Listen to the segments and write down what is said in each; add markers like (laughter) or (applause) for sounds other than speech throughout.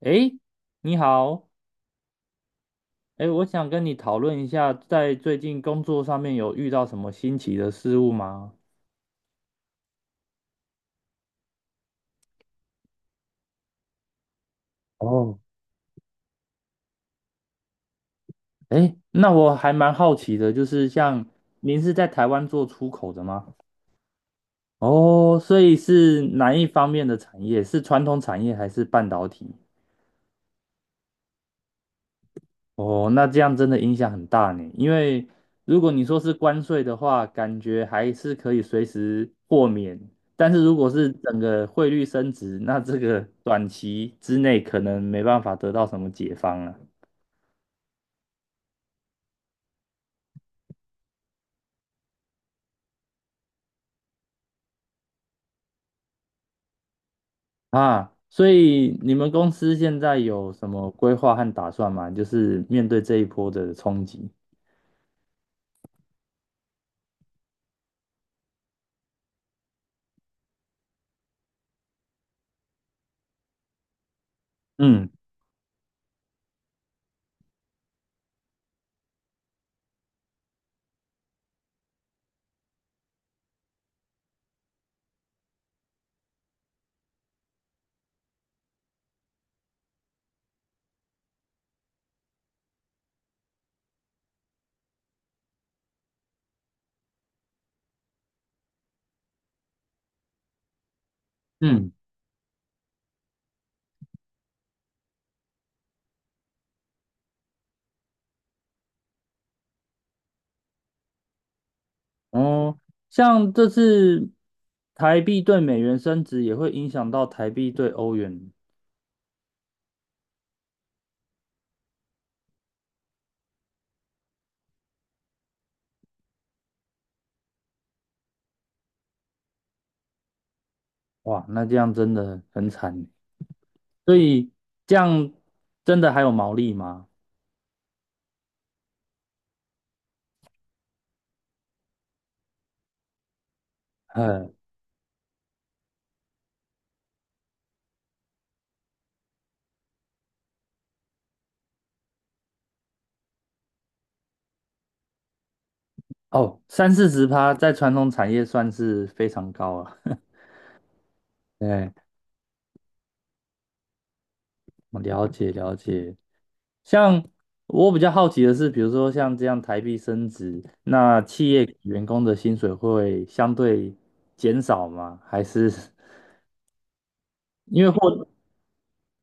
诶，你好，诶，我想跟你讨论一下，在最近工作上面有遇到什么新奇的事物吗？哦，诶，那我还蛮好奇的，就是像您是在台湾做出口的吗？哦，所以是哪一方面的产业？是传统产业还是半导体？哦，那这样真的影响很大呢。因为如果你说是关税的话，感觉还是可以随时豁免。但是如果是整个汇率升值，那这个 (laughs) 短期之内可能没办法得到什么解放了啊。所以你们公司现在有什么规划和打算吗？就是面对这一波的冲击。嗯嗯，哦，像这次台币对美元升值，也会影响到台币对欧元。哇，那这样真的很惨欸，所以这样真的还有毛利吗？呃，哦，三四十趴在传统产业算是非常高了。(laughs) 对，我了解了解。像我比较好奇的是，比如说像这样台币升值，那企业给员工的薪水会相对减少吗？还是 (laughs) 因为获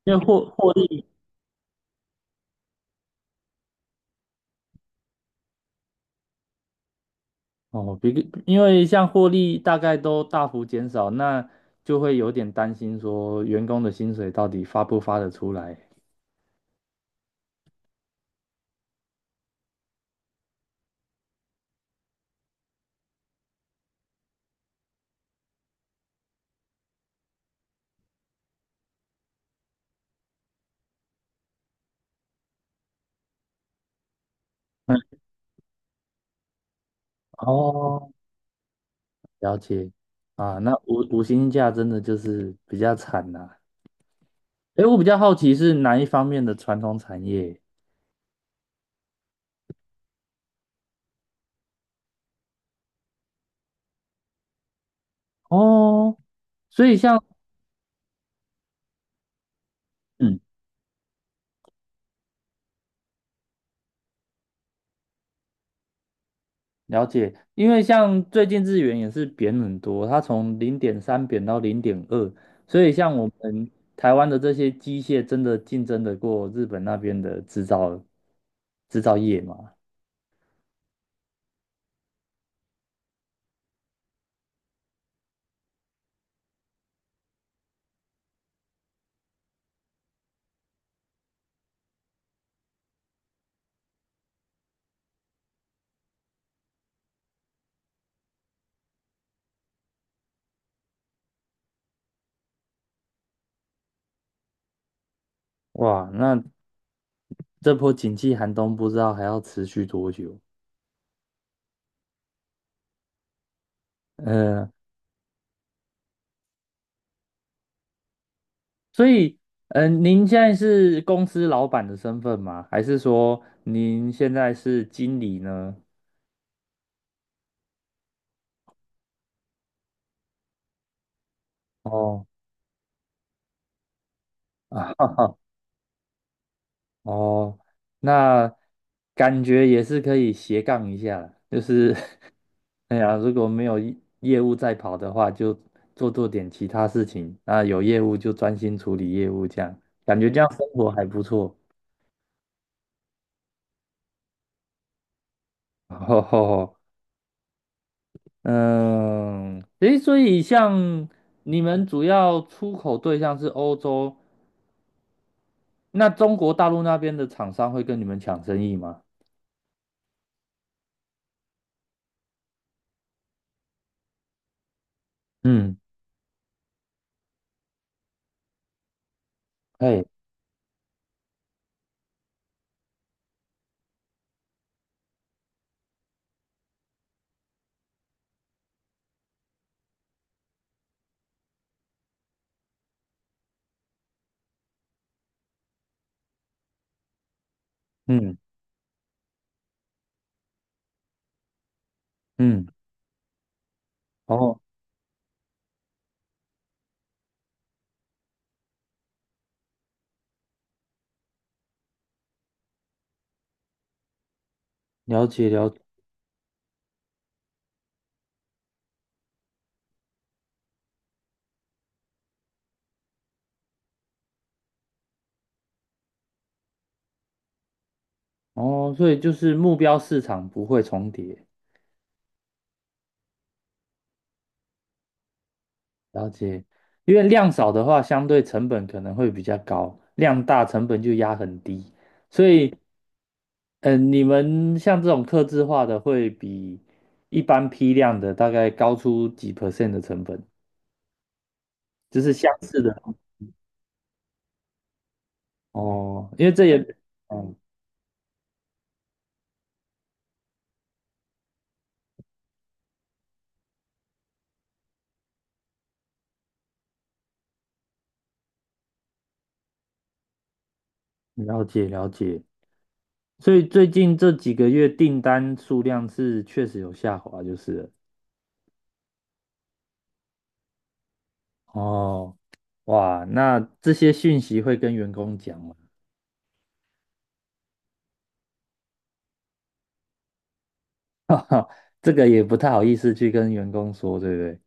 因为获利？哦，因为像获利大概都大幅减少，那就会有点担心说员工的薪水到底发不发得出来。哦，了解啊，那五星假真的就是比较惨呐、诶，我比较好奇是哪一方面的传统产业哦，所以像嗯，了解，因为像最近日元也是贬很多，它从零点三贬到零点二，所以像我们台湾的这些机械真的竞争得过日本那边的制造业吗？哇，那这波景气寒冬不知道还要持续多久？嗯、所以您现在是公司老板的身份吗？还是说您现在是经理呢？哦，(laughs) 哈哈。哦，那感觉也是可以斜杠一下啦，就是 (laughs) 哎呀，如果没有业务在跑的话，就做做点其他事情，那有业务就专心处理业务，这样感觉这样生活还不错。(laughs) 吼吼吼，嗯，诶，所以像你们主要出口对象是欧洲，那中国大陆那边的厂商会跟你们抢生意吗？嗯，哎，嗯嗯，哦，了解了解。哦，所以就是目标市场不会重叠，了解。因为量少的话，相对成本可能会比较高，量大成本就压很低。所以，你们像这种客制化的，会比一般批量的大概高出几 percent 的成本，就是相似的哦。因为这也，嗯，了解了解。所以最近这几个月订单数量是确实有下滑，就是了哦。哇，那这些讯息会跟员工讲吗？(laughs) 哈，这个也不太好意思去跟员工说，对不对？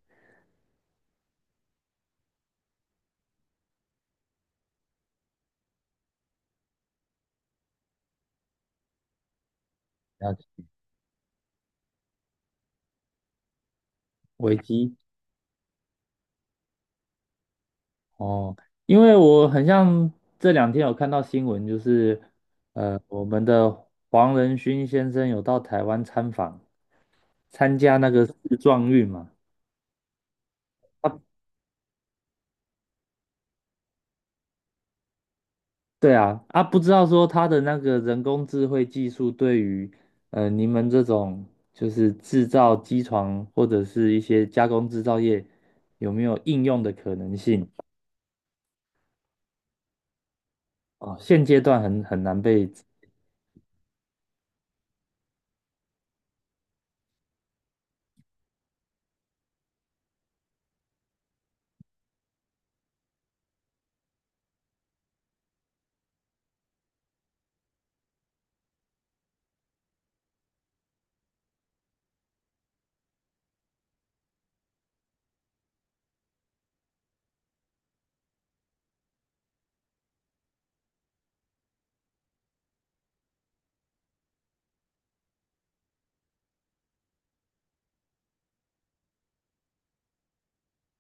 了解危机哦，因为我很像这两天有看到新闻，就是我们的黄仁勋先生有到台湾参访，参加那个世壮运嘛。他对啊，啊，不知道说它的那个人工智慧技术对于你们这种就是制造机床或者是一些加工制造业有没有应用的可能性啊？现阶段很难被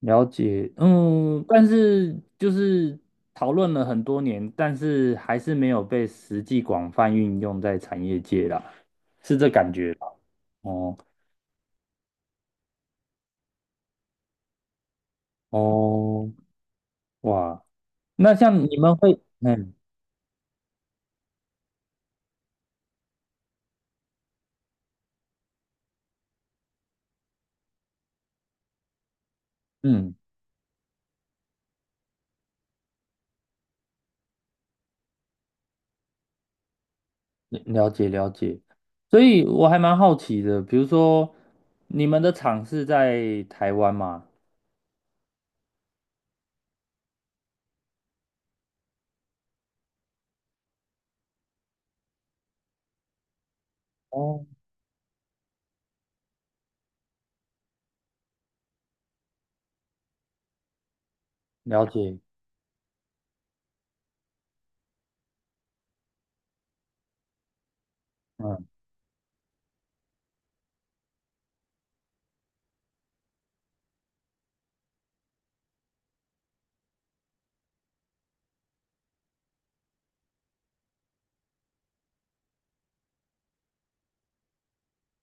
了解，嗯，但是就是讨论了很多年，但是还是没有被实际广泛运用在产业界啦，是这感觉吧？哦哦，哇，那像你们会，嗯嗯。了解了解，所以我还蛮好奇的，比如说你们的厂是在台湾吗？哦，了解，嗯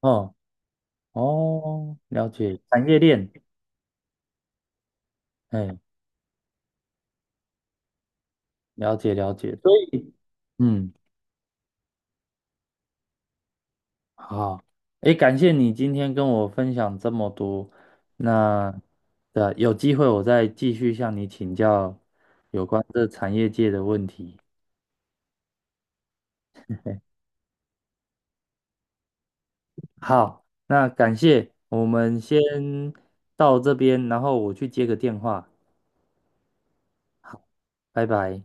嗯，哦，了解，产业链，哎，了解了解，所以嗯，好，哎，感谢你今天跟我分享这么多，那的有机会我再继续向你请教有关这产业界的问题。好，那感谢，我们先到这边，然后我去接个电话。好，拜拜。